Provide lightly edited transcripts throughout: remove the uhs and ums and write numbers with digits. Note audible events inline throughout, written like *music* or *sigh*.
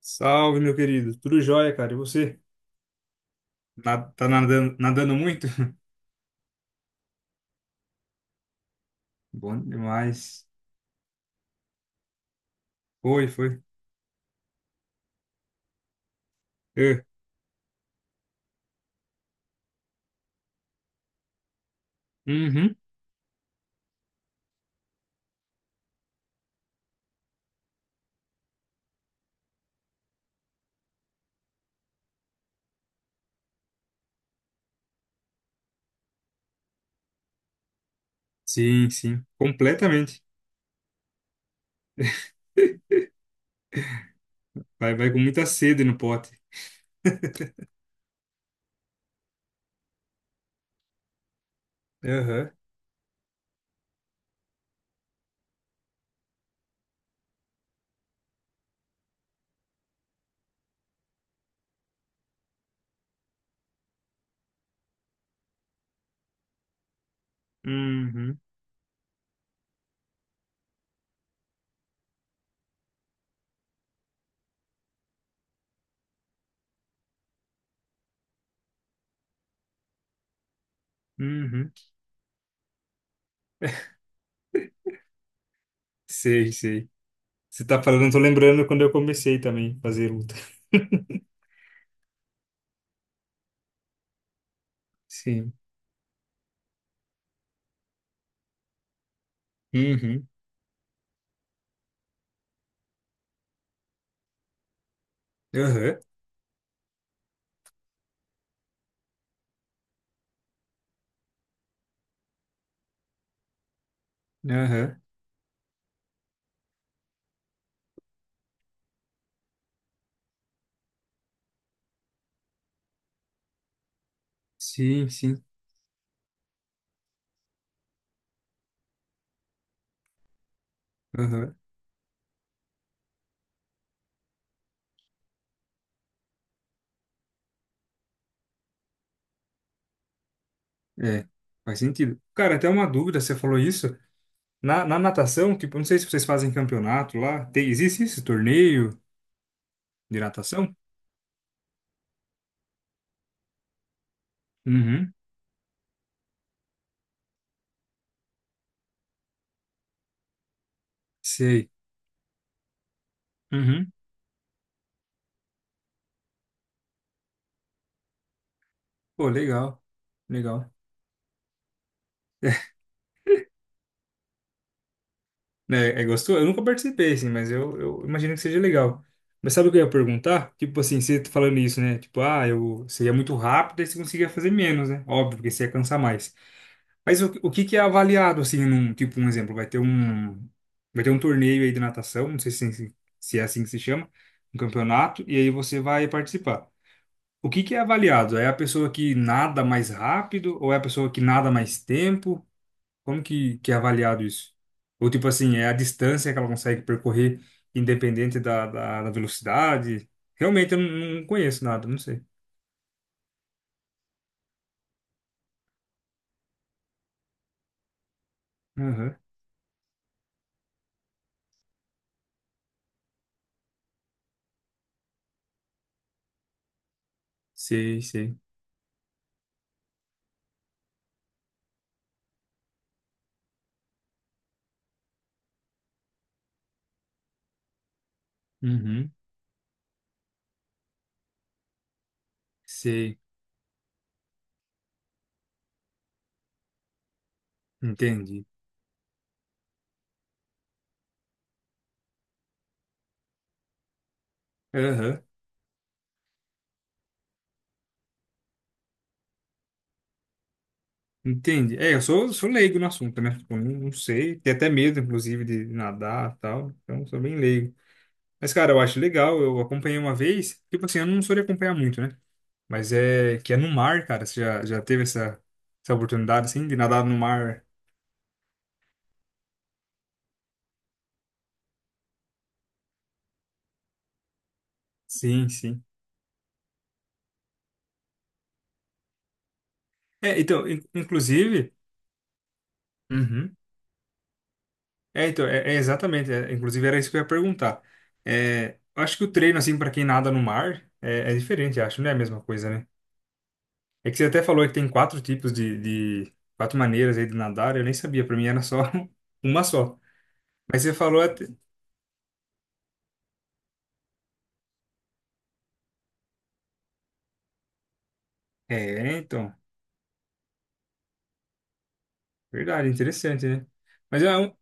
Salve, meu querido. Tudo jóia, cara. E você? Tá nadando, nadando muito? *laughs* Bom demais. Foi, foi. É. Uhum. Sim, sim. Completamente. *laughs* Vai, vai com muita sede no pote. Aham. Uhum. Uhum. Sei, sei. Você tá falando, eu tô lembrando quando eu comecei também a fazer luta. *laughs* Sim. Uhum. Aham. Aham. Sim, sim. Aham. É. Faz sentido. Cara, até uma dúvida, você falou isso. Na natação, tipo, não sei se vocês fazem campeonato lá. Tem, existe esse torneio de natação? Uhum. Sei. Uhum. Pô, legal. Legal. É, é gostoso? Eu nunca participei, assim, mas eu imagino que seja legal. Mas sabe o que eu ia perguntar? Tipo assim, você tá falando isso, né? Tipo, ah, eu, você ia muito rápido e você conseguia fazer menos, né? Óbvio, porque você ia cansar mais. Mas o que que é avaliado, assim, num, tipo, um exemplo, vai ter um torneio aí de natação, não sei se, se é assim que se chama, um campeonato, e aí você vai participar. O que que é avaliado? É a pessoa que nada mais rápido ou é a pessoa que nada mais tempo? Como que é avaliado isso? Ou tipo assim, é a distância que ela consegue percorrer independente da velocidade? Realmente eu não, não conheço nada, não sei. Aham. Sei, sei. Uhum. Sei. Entendi. Aham. Entendi. É, eu sou, sou leigo no assunto, né? Tipo, não, não sei. Tenho até medo, inclusive, de nadar e tal. Então, sou bem leigo. Mas, cara, eu acho legal. Eu acompanhei uma vez. Tipo assim, eu não sou de acompanhar muito, né? Mas é que é no mar, cara. Você já, já teve essa, essa oportunidade, assim, de nadar no mar? Sim, sim. É, então, inclusive. Uhum. É, então, é, é exatamente. É, inclusive, era isso que eu ia perguntar. É, eu acho que o treino, assim, para quem nada no mar é, é diferente, eu acho. Não é a mesma coisa, né? É que você até falou que tem quatro tipos de quatro maneiras aí de nadar. Eu nem sabia. Pra mim era só *laughs* uma só. Mas você falou até. É, então. Verdade, interessante, né? Mas é um.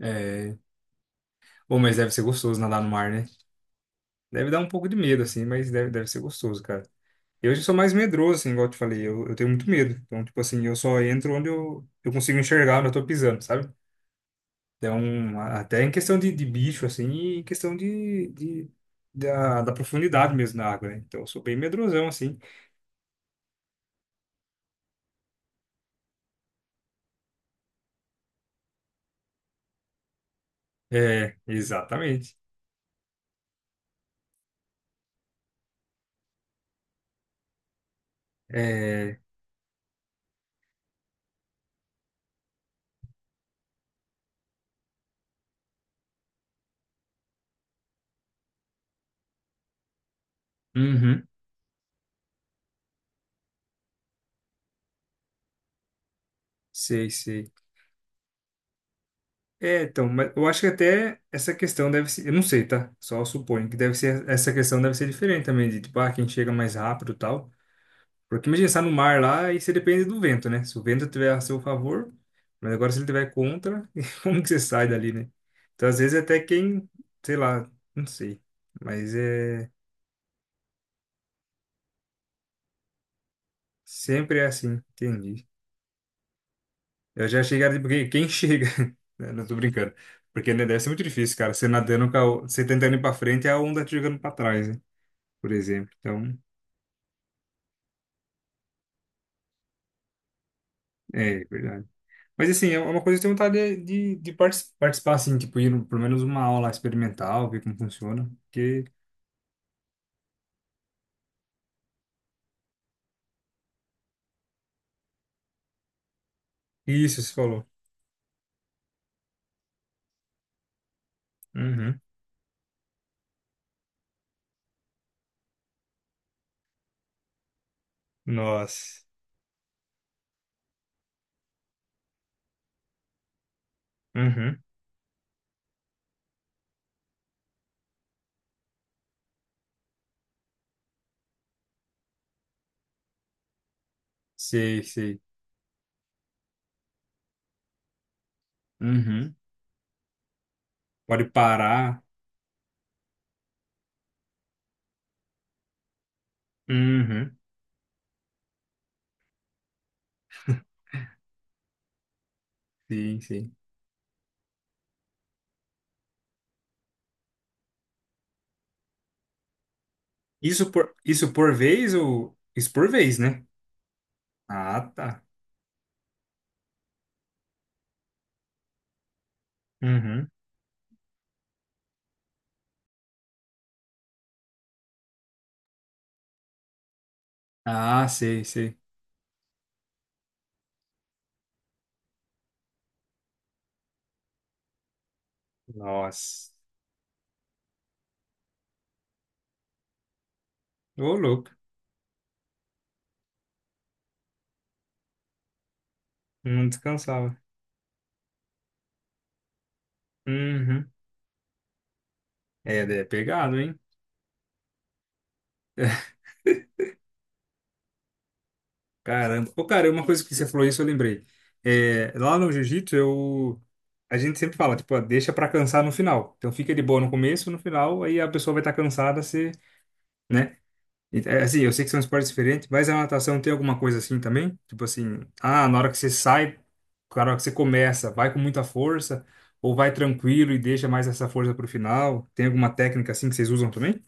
É... Bom, mas deve ser gostoso nadar no mar, né? Deve dar um pouco de medo, assim, mas deve, deve ser gostoso, cara. Eu já sou mais medroso, assim, igual eu te falei, eu tenho muito medo. Então, tipo assim, eu só entro onde eu consigo enxergar onde eu tô pisando, sabe? Então, até em questão de bicho, assim, e em questão de, da, da profundidade mesmo na água, né? Então, eu sou bem medrosão, assim. É, exatamente. É, uhum, sei, sei. É, então, mas eu acho que até essa questão deve ser, eu não sei, tá? Só suponho que deve ser, essa questão deve ser diferente também, de tipo, ah, quem chega mais rápido e tal. Porque imagina, você tá no mar lá e você depende do vento, né? Se o vento tiver a seu favor, mas agora se ele tiver contra, *laughs* como que você sai dali, né? Então, às vezes até quem, sei lá, não sei. Mas é, sempre é assim, entendi. Eu já cheguei, porque quem chega, *laughs* né? Não tô brincando. Porque né, deve ser muito difícil, cara, você nadando, com a você tentando ir pra frente e a onda te jogando pra trás, né? Por exemplo. Então, é é verdade. Mas assim, é uma coisa que eu tenho vontade de participar, assim, tipo, ir no- pelo menos uma aula experimental, ver como funciona. Porque isso, você falou. Uhum. Nossa. Uhum. Sei, sei. Uhum. Pode parar. Uhum. Sim, sim. Isso por, isso por vez ou isso por vez, né? Ah, tá. Uhum. Ah, sei, sei. Nossa. Ô, louco. Não descansava. Uhum. É, é pegado, hein? Caramba. Pô, cara, uma coisa que você falou isso, eu lembrei. É, lá no jiu-jitsu, eu... A gente sempre fala, tipo, ó, deixa pra cansar no final. Então fica de boa no começo, no final, aí a pessoa vai estar cansada, se, né? E, é, assim, eu sei que são esportes diferentes, mas a natação tem alguma coisa assim também? Tipo assim, ah, na hora que você sai, na hora que você começa, vai com muita força, ou vai tranquilo e deixa mais essa força pro final? Tem alguma técnica assim que vocês usam também?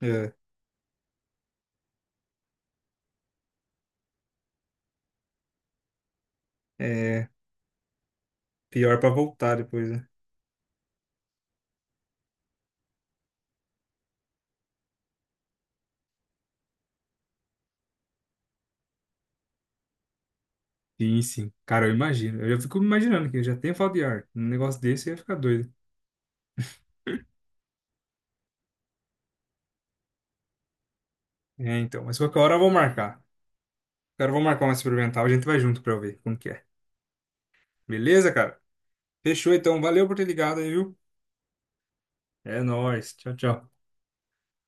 É, é pior pra voltar depois. Sim, sim. Cara, eu imagino. Eu já fico imaginando que eu já tenho falta de ar. Um negócio desse eu ia ficar doido. É, então. Mas qualquer hora eu vou marcar. Cara, eu vou marcar uma experimental. A gente vai junto pra eu ver como que é. Beleza, cara? Fechou, então. Valeu por ter ligado aí, viu? É nóis. Tchau, tchau.